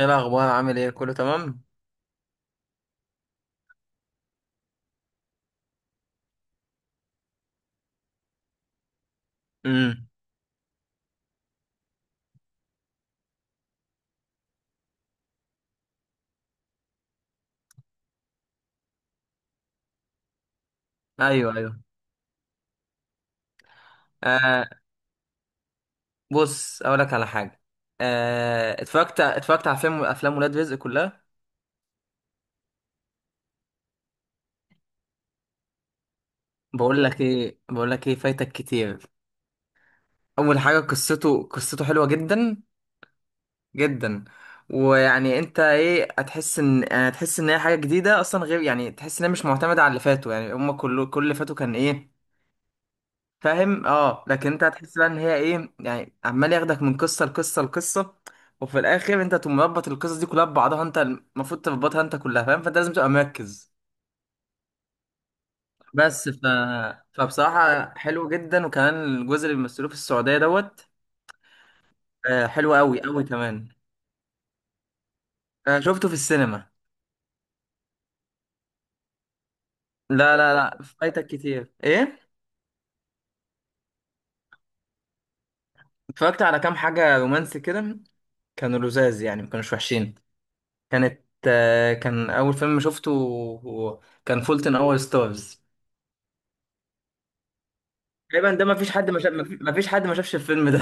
ايه الاخبار؟ عامل ايه؟ كله تمام؟ امم. ايوه، ايوه. آه، بص اقول لك على حاجه. آه، اتفرجت على افلام ولاد رزق كلها. بقول لك ايه، فايتك كتير. اول حاجه قصته حلوه جدا جدا. ويعني انت ايه؟ هتحس ان هي حاجه جديده اصلا، غير يعني تحس ان هي مش معتمده على اللي فاتوا، يعني هم كله كل اللي فاتوا كان ايه فاهم؟ اه، لكن انت هتحس بقى ان هي ايه، يعني عمال ياخدك من قصه لقصه لقصه. وفي الاخر انت تقوم مربط القصص دي كلها ببعضها، انت المفروض تربطها انت كلها فاهم، فانت لازم تبقى مركز. بس ف... فبصراحه حلو جدا. وكمان الجزء اللي بيمثلوه في السعوديه دوت. آه، حلو قوي قوي كمان. آه، شفته في السينما. لا لا لا، فايتك كتير ايه. اتفرجت على كام حاجه رومانسي كده، كانوا لذاذ يعني، ما كانوش وحشين. كانت، آه، كان اول فيلم شفته كان فولتن اور ستارز. تقريبا ده ما فيش حد ما شاف ما فيش حد ما شافش الفيلم ده.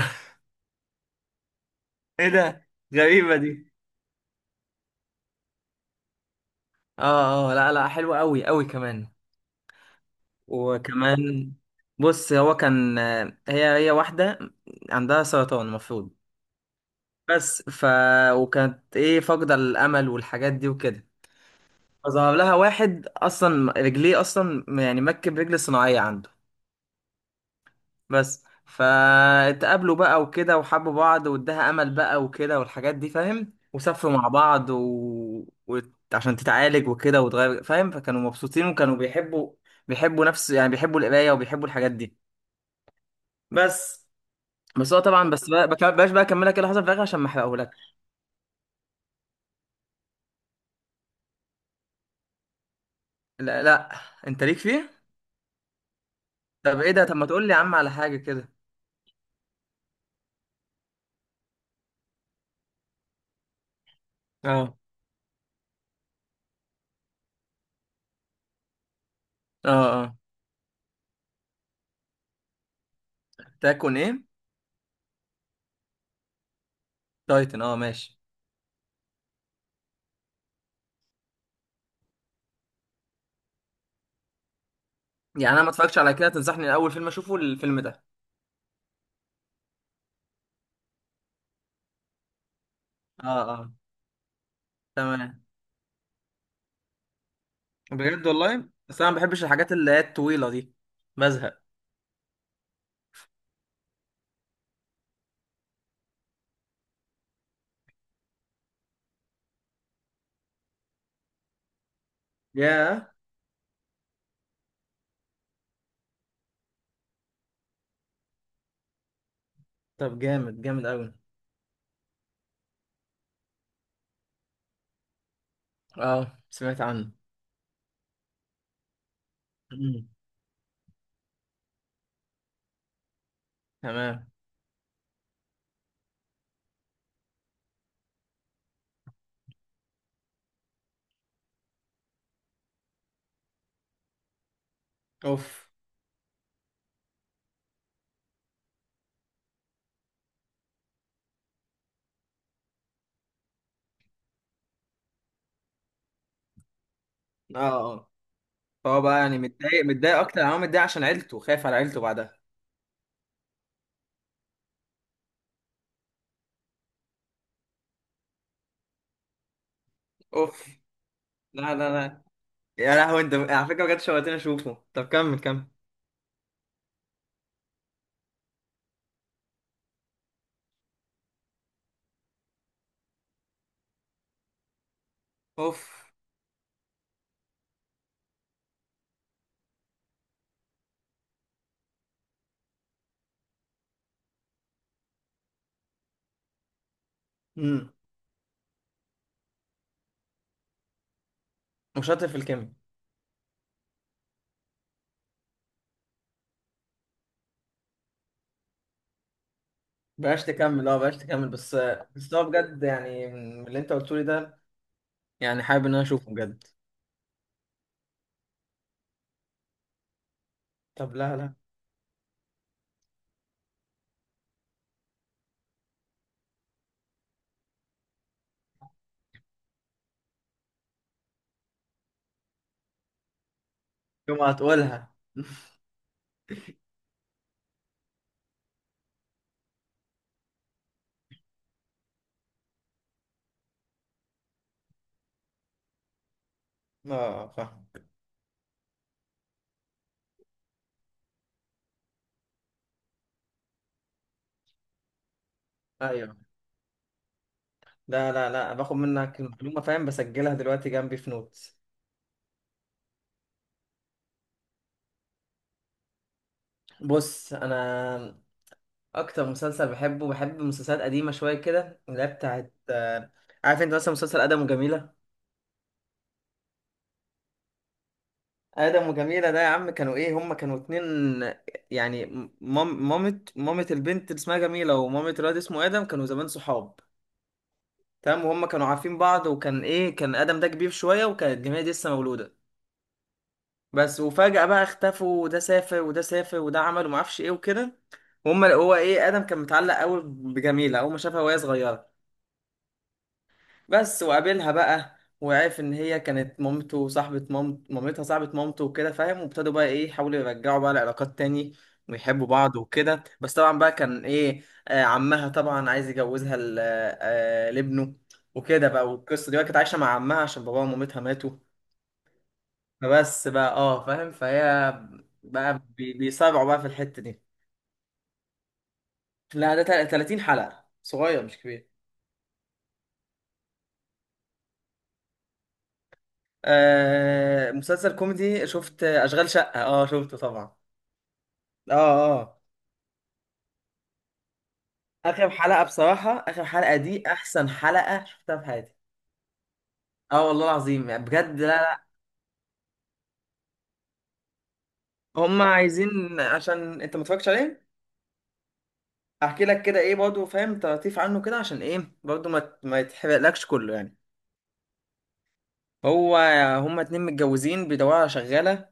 ايه ده؟ غريبة دي. اه اه، لا لا، حلوة قوي قوي كمان. وكمان بص، هو كان، هي واحدة عندها سرطان المفروض. بس ف وكانت ايه، فاقدة الأمل والحاجات دي وكده. فظهر لها واحد أصلا رجليه أصلا يعني مركب رجل صناعية عنده. بس فاتقابلوا بقى وكده وحبوا بعض واداها امل بقى وكده والحاجات دي فاهم، وسافروا مع بعض و... عشان تتعالج وكده وتغير فاهم، فكانوا مبسوطين وكانوا بيحبوا، بيحبوا نفس يعني، بيحبوا القرايه وبيحبوا الحاجات دي. بس. بس هو طبعا بس بقى بك- بلاش بقى اكملك ايه اللي حصل في الاخر عشان ما احرقهولك. لا لا، انت ليك فيه. طب ايه ده، طب ما تقول لي يا عم على حاجه كده. اه اه اه. تاكون ايه؟ تايتن، اه، ماشي. يعني انا ما اتفرجتش على كده، تنصحني الاول فيلم اشوفه الفيلم ده؟ اه اه. تمام. بجد والله، بس انا ما بحبش الحاجات اللي هي الطويله دي، بزهق. ياه. طب جامد جامد قوي. اه، سمعت عنه. مم. تمام. اوف. اه اه. فهو بقى يعني متضايق، متضايق اكتر انا هو متضايق عشان عيلته، خايف على عيلته بعدها. اوف. لا لا لا. يا لهوي انت على فكره بجد شوقتني اشوفه، طب كمل كمل. اوف. امم، وشاطر في الكيمياء. بلاش تكمل، بلاش تكمل بس. بس هو بجد يعني من اللي انت قلته لي ده يعني حابب ان انا اشوفه بجد. طب لا لا. يوم هتقولها. اه فاهم. ايوه، لا لا لا، باخد منك المعلومه فاهم، بسجلها دلوقتي جنبي في نوتس. بص انا، اكتر مسلسل بحبه، بحب مسلسلات قديمه شويه كده اللي هي بتاعت عارف انت مثلا مسلسل ادم وجميله؟ ادم وجميله ده يا عم، كانوا ايه، هم كانوا اتنين يعني، مامة البنت اللي اسمها جميله ومامة الواد اسمه ادم، كانوا زمان صحاب. تمام، وهم كانوا عارفين بعض، وكان ايه، كان ادم ده كبير شويه وكانت جميله دي لسه مولوده بس. وفجأة بقى اختفوا، وده سافر وده سافر وده عمل وما اعرفش ايه وكده. وهم، هو ايه، ادم كان متعلق قوي بجميلة اول ما شافها وهي صغيرة بس. وقابلها بقى وعرف ان هي كانت مامته، وصاحبة مامت، مامتها صاحبة مامته وكده فاهم، وابتدوا بقى ايه يحاولوا يرجعوا بقى العلاقات تاني ويحبوا بعض وكده. بس طبعا بقى كان ايه، آه، عمها طبعا عايز يجوزها لابنه. وكده بقى، والقصة دي بقى كانت عايشة مع عمها عشان باباها ومامتها ماتوا. فبس بقى اه فاهم، فهي بقى بيصارعوا بقى في الحتة دي. لا ده 30 حلقة، صغير مش كبير. آه مسلسل كوميدي، شفت أشغال شقة؟ اه شفته طبعا. اه اه. آخر حلقة بصراحة، آخر حلقة دي أحسن حلقة شفتها في حياتي. اه والله العظيم، يعني بجد لا. هم عايزين عشان انت ما اتفرجتش عليه احكي لك كده ايه برضه فاهم، تلطيف عنه كده عشان ايه برضه ما يتحرقلكش كله يعني. هو هما اتنين متجوزين بيدوروا على شغالة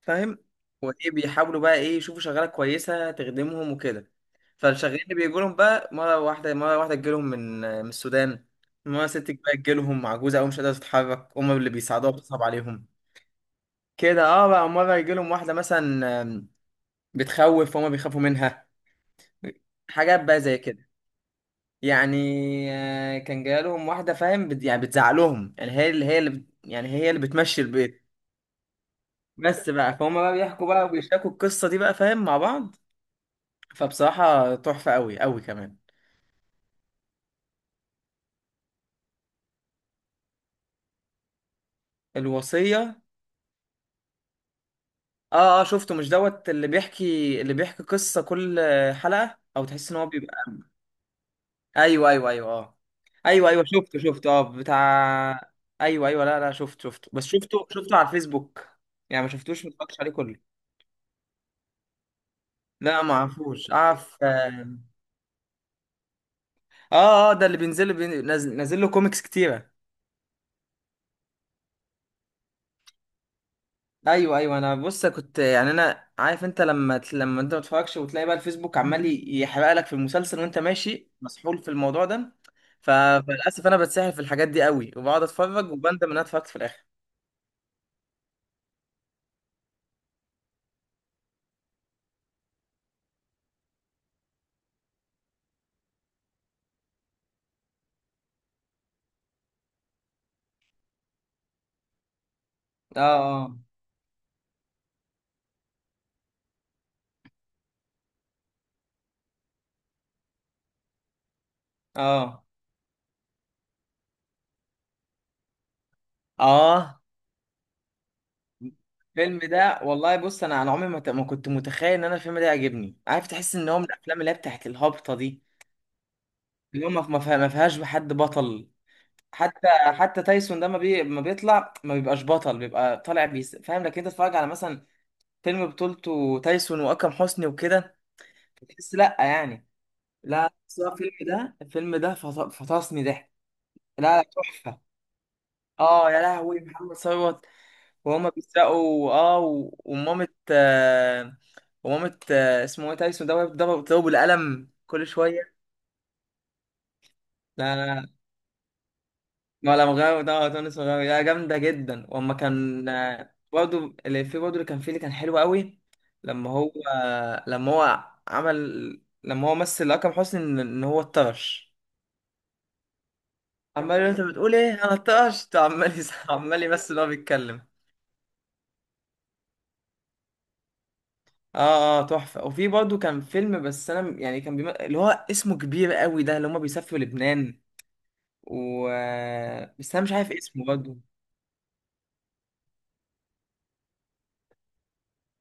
فاهم، وايه بيحاولوا بقى ايه يشوفوا شغاله كويسه تخدمهم وكده. فالشغالين اللي بيجوا لهم بقى، مره واحده مره واحده تجيلهم من السودان، مره ست بقى تجيلهم عجوزه او مش قادره تتحرك هم اللي بيساعدوها بتصعب عليهم كده اه، بقى مره يجيلهم واحده مثلا بتخوف، فهم بيخافوا منها. حاجات بقى زي كده، يعني آه، كان جالهم واحده فاهم بت... يعني بتزعق لهم يعني، هي اللي، هي اللي بت... يعني هي اللي بتمشي البيت بس بقى. فهم بقى بيحكوا بقى وبيشاركوا القصه دي بقى فاهم مع بعض. فبصراحة تحفة قوي قوي كمان. الوصية، اه اه شفته، مش دوت اللي بيحكي، اللي بيحكي قصة كل حلقة، او تحس ان هو بيبقى؟ ايوه ايوه ايوه اه. ايوه ايوه شفته شفته اه بتاع. ايوه ايوه، لا لا شفت شفته بس، شفته على الفيسبوك يعني، ما شفتوش، ما اتفرجتش عليه كله. لا ما اعرفوش، اعرف اه اه. آه، ده اللي نازل نازل له كوميكس كتيرة. ايوه ايوه انا بص كنت يعني، انا عارف انت لما لما انت ما تتفرجش وتلاقي بقى الفيسبوك عمال يحرق لك في المسلسل وانت ماشي مسحول في الموضوع ده. ف... فللاسف انا بتسحل في الحاجات دي قوي، وبقعد اتفرج وبندم ان انا اتفرجت في الاخر. اه اه اه. الفيلم ده والله، بص انا انا عمري ما ما كنت متخيل ان انا الفيلم ده يعجبني، عارف، تحس ان هو من الافلام اللي هي بتاعت الهابطه دي، اللي هو ما فيهاش حد بطل حتى. تايسون ده ما بيطلع، ما بيبقاش بطل، بيبقى طالع بيس فاهم، لكن انت تتفرج على مثلا فيلم بطولته تايسون واكرم حسني وكده، تحس لا يعني. لا، بس هو الفيلم ده، فطسني ضحك. لا لا تحفه. اه يا لهوي محمد ثروت، وهما بيسرقوا اه، ومامة آه، اسمه ايه تايسون ده، وهي بتضربه، بتضربه بالقلم كل شويه. لا لا، ولا مغاوي ده، اه تونس مغاوي، لا جامده جدا. واما كان آه، برضه اللي في، برضه اللي كان فيه، اللي كان حلو قوي لما هو، لما هو عمل لما هو مثل اكرم حسني ان هو اتطرش، عمال يقول، انت بتقول ايه، انا اتطرشت، عمال عمال يمثل وهو بيتكلم. اه اه تحفه. وفي برضه كان فيلم، بس انا يعني كان اللي هو اسمه كبير قوي ده، اللي هما بيسافروا لبنان، و آه، بس انا مش عارف اسمه برضه.